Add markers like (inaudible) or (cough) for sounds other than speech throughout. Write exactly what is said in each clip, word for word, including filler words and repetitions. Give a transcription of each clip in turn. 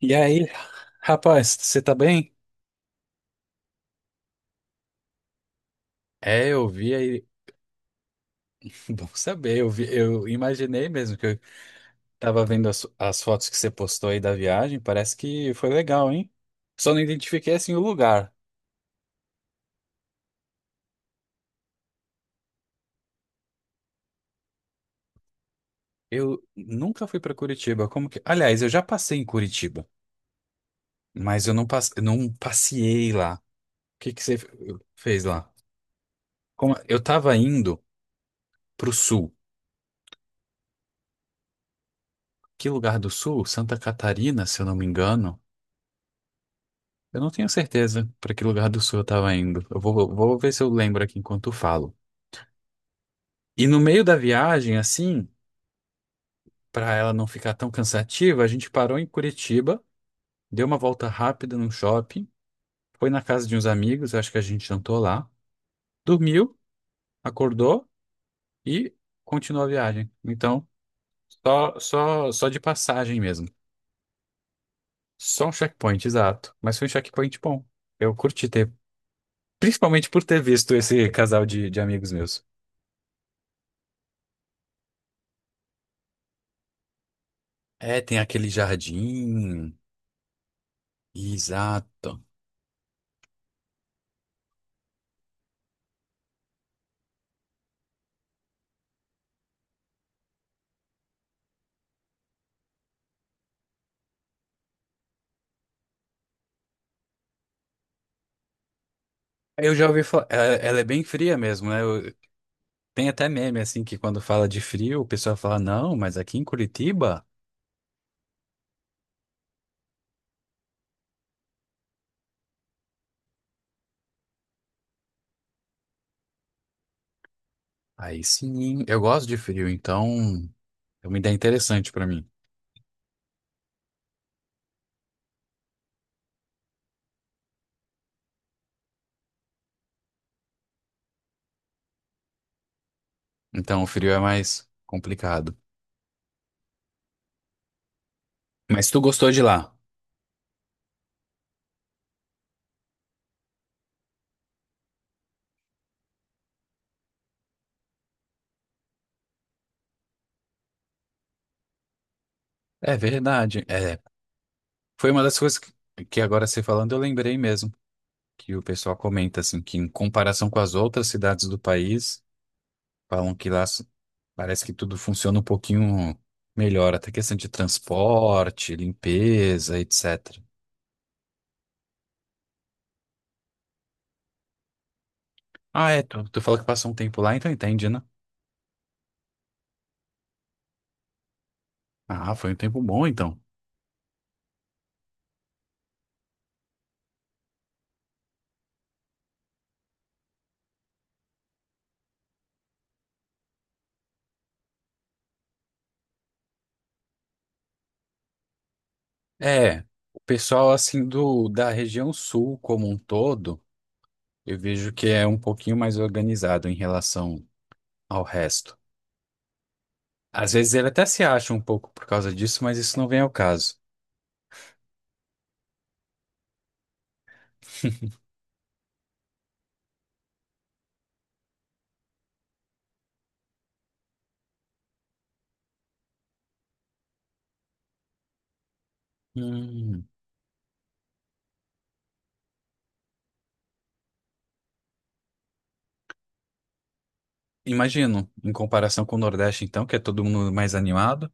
E aí, rapaz, você tá bem? É, eu vi aí. (laughs) Bom saber, eu vi, eu imaginei mesmo que eu tava vendo as, as fotos que você postou aí da viagem, parece que foi legal, hein? Só não identifiquei assim o lugar. Eu nunca fui pra Curitiba, como que... Aliás, eu já passei em Curitiba, mas eu não, passe... não passeei lá. O que que você fe- fez lá? Como... Eu tava indo pro sul. Que lugar do sul? Santa Catarina, se eu não me engano. Eu não tenho certeza para que lugar do sul eu estava indo. Eu vou, vou ver se eu lembro aqui enquanto eu falo. E no meio da viagem, assim, para ela não ficar tão cansativa, a gente parou em Curitiba, deu uma volta rápida no shopping, foi na casa de uns amigos, acho que a gente jantou lá, dormiu, acordou e continuou a viagem. Então, só, só, só de passagem mesmo. Só um checkpoint, exato. Mas foi um checkpoint bom. Eu curti ter, principalmente por ter visto esse casal de, de amigos meus. É, tem aquele jardim. Exato. Eu já ouvi falar. Ela, ela é bem fria mesmo, né? Eu- tem até meme, assim, que quando fala de frio, o pessoal fala, não, mas aqui em Curitiba, aí sim. Eu gosto de frio, então é uma ideia interessante pra mim. Então o frio é mais complicado. Mas tu gostou de lá? É verdade. É, foi uma das coisas que, que agora você falando, eu lembrei mesmo. Que o pessoal comenta, assim, que em comparação com as outras cidades do país. Falam que lá s- parece que tudo funciona um pouquinho melhor, até questão de transporte, limpeza, etecetera. Ah, é, tu, tu falou que passou um tempo lá, então entende, né? Ah, foi um tempo bom, então. É, o pessoal, assim, do, da região sul como um todo, eu vejo que é um pouquinho mais organizado em relação ao resto. Às vezes ele até se acha um pouco por causa disso, mas isso não vem ao caso. Hum, imagino, em comparação com o Nordeste, então, que é todo mundo mais animado.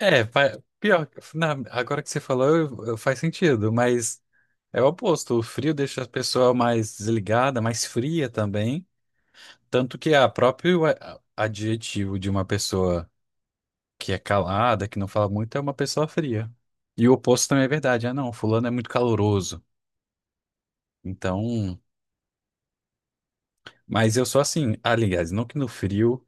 É, fa- pior, que- na- agora que você falou, eu- eu- faz sentido, mas é o oposto. O frio deixa a pessoa mais desligada, mais fria também. Tanto que a próprio a- adjetivo de uma pessoa que é calada, que não fala muito, é uma pessoa fria. E o oposto também é verdade. Ah, não, fulano é muito caloroso. Então, mas eu sou assim, aliás, não que no frio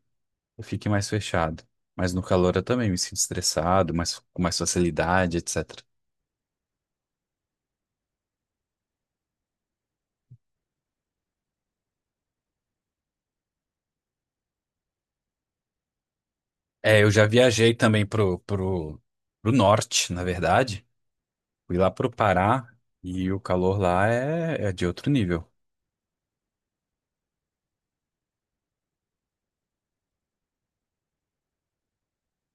eu fique mais fechado, mas no calor eu também me sinto estressado, mais com mais facilidade, etecetera. É, eu já viajei também pro, pro, pro norte, na verdade. Fui lá pro Pará e o calor lá é, é de outro nível.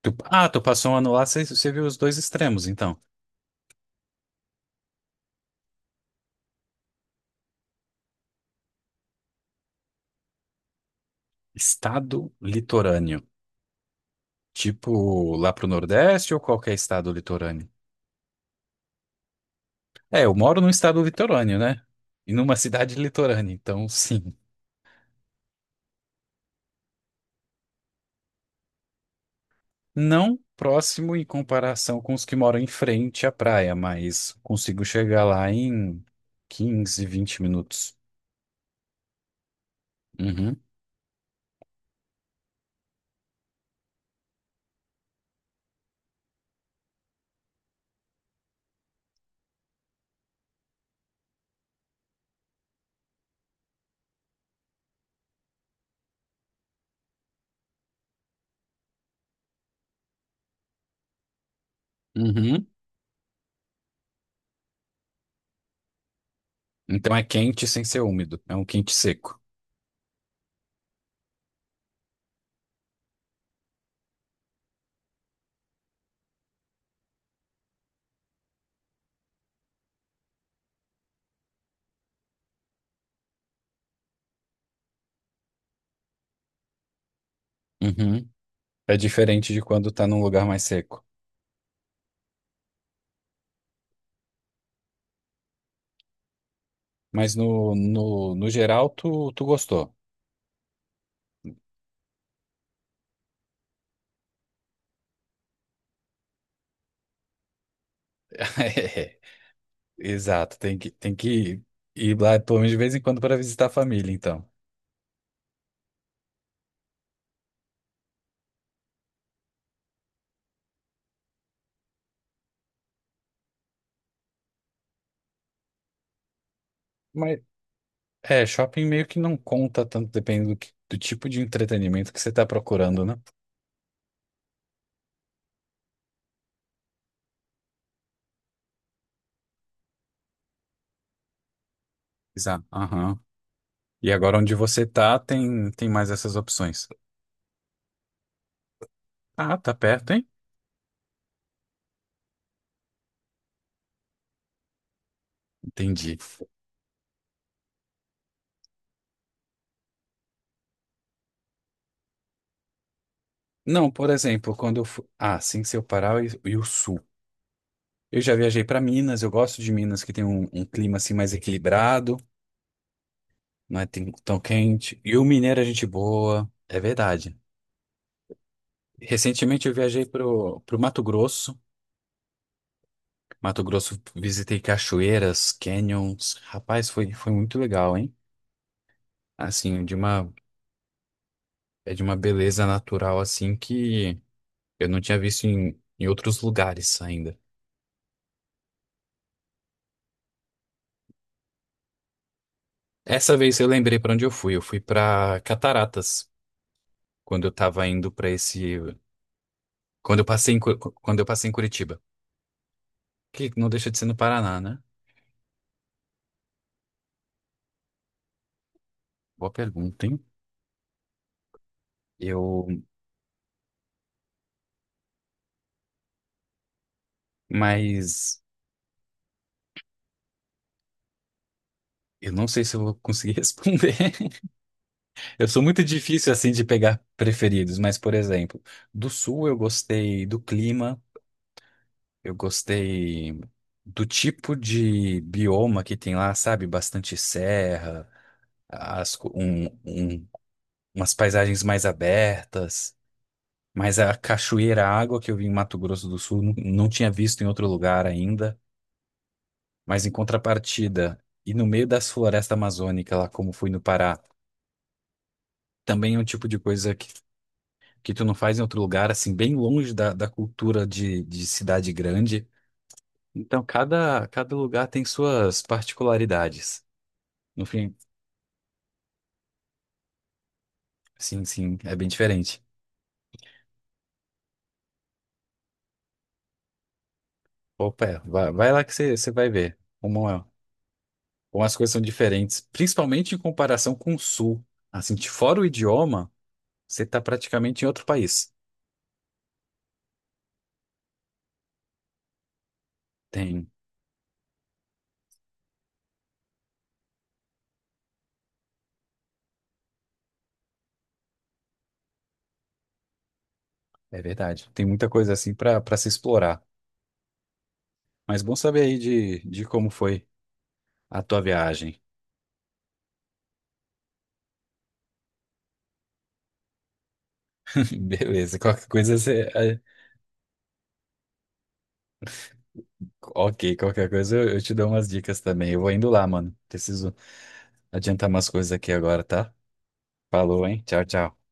Tu- ah, tu passou um ano lá, você você viu os dois extremos, então. Estado litorâneo. Tipo, lá pro Nordeste ou qualquer estado litorâneo? É, eu moro num estado litorâneo, né? E numa cidade litorânea, então sim. Não próximo em comparação com os que moram em frente à praia, mas consigo chegar lá em quinze, vinte minutos. Uhum. Uhum. Então é quente sem ser úmido. É um quente seco. Uhum. É diferente de quando tá num lugar mais seco. Mas no, no, no geral, tu, tu gostou. (laughs) É, exato. Tem que, tem que ir lá pelo menos de vez em quando para visitar a família, então. Mas é, shopping meio que não conta tanto, dependendo do, que- do tipo de entretenimento que você tá procurando, né? Exato. Aham. E agora onde você tá, tem, tem mais essas opções. Ah, tá perto, hein? Entendi. Não, por exemplo, quando eu fui. Ah, sim, seu Pará e, e o Sul. Eu já viajei para Minas, eu gosto de Minas que tem um, um clima assim mais equilibrado, não é tem- tão quente. E o mineiro é gente boa, é verdade. Recentemente eu viajei pro, pro Mato Grosso. Mato Grosso, visitei cachoeiras, canyons. Rapaz, foi, foi muito legal, hein? Assim, de uma, é de uma beleza natural assim que eu não tinha visto em, em outros lugares ainda. Essa vez eu lembrei para onde eu fui. Eu fui para Cataratas, quando eu tava indo pra esse. Quando eu passei em, Cu- quando eu passei em Curitiba. Que não deixa de ser no Paraná, né? Boa pergunta, hein? Eu. Mas. Eu não sei se eu vou conseguir (laughs) responder. Eu sou muito difícil assim de pegar preferidos, mas, por exemplo, do sul eu gostei do clima, eu gostei do tipo de bioma que tem lá, sabe? Bastante serra, as, co- um, um- umas paisagens mais abertas. Mas a cachoeira, água que eu vi em Mato Grosso do Sul, não, não tinha visto em outro lugar ainda. Mas em contrapartida, e no meio das florestas amazônicas, lá como fui no Pará, também é um tipo de coisa que, que tu não faz em outro lugar, assim, bem longe da, da cultura de, de cidade grande. Então, cada, cada lugar tem suas particularidades. No fim, sim, sim, é bem diferente. Opa, é, vai, vai lá que você você vai ver como, é- como as coisas são diferentes, principalmente em comparação com o Sul. Assim, de fora o idioma. Você está praticamente em outro país. Tem, é verdade. Tem muita coisa assim para para se explorar. Mas bom saber aí de, de como foi a tua viagem. (laughs) Beleza, qualquer coisa você. É, ok, qualquer coisa eu, eu te dou umas dicas também. Eu vou indo lá, mano. Preciso adiantar umas coisas aqui agora, tá? Falou, hein? Tchau, tchau.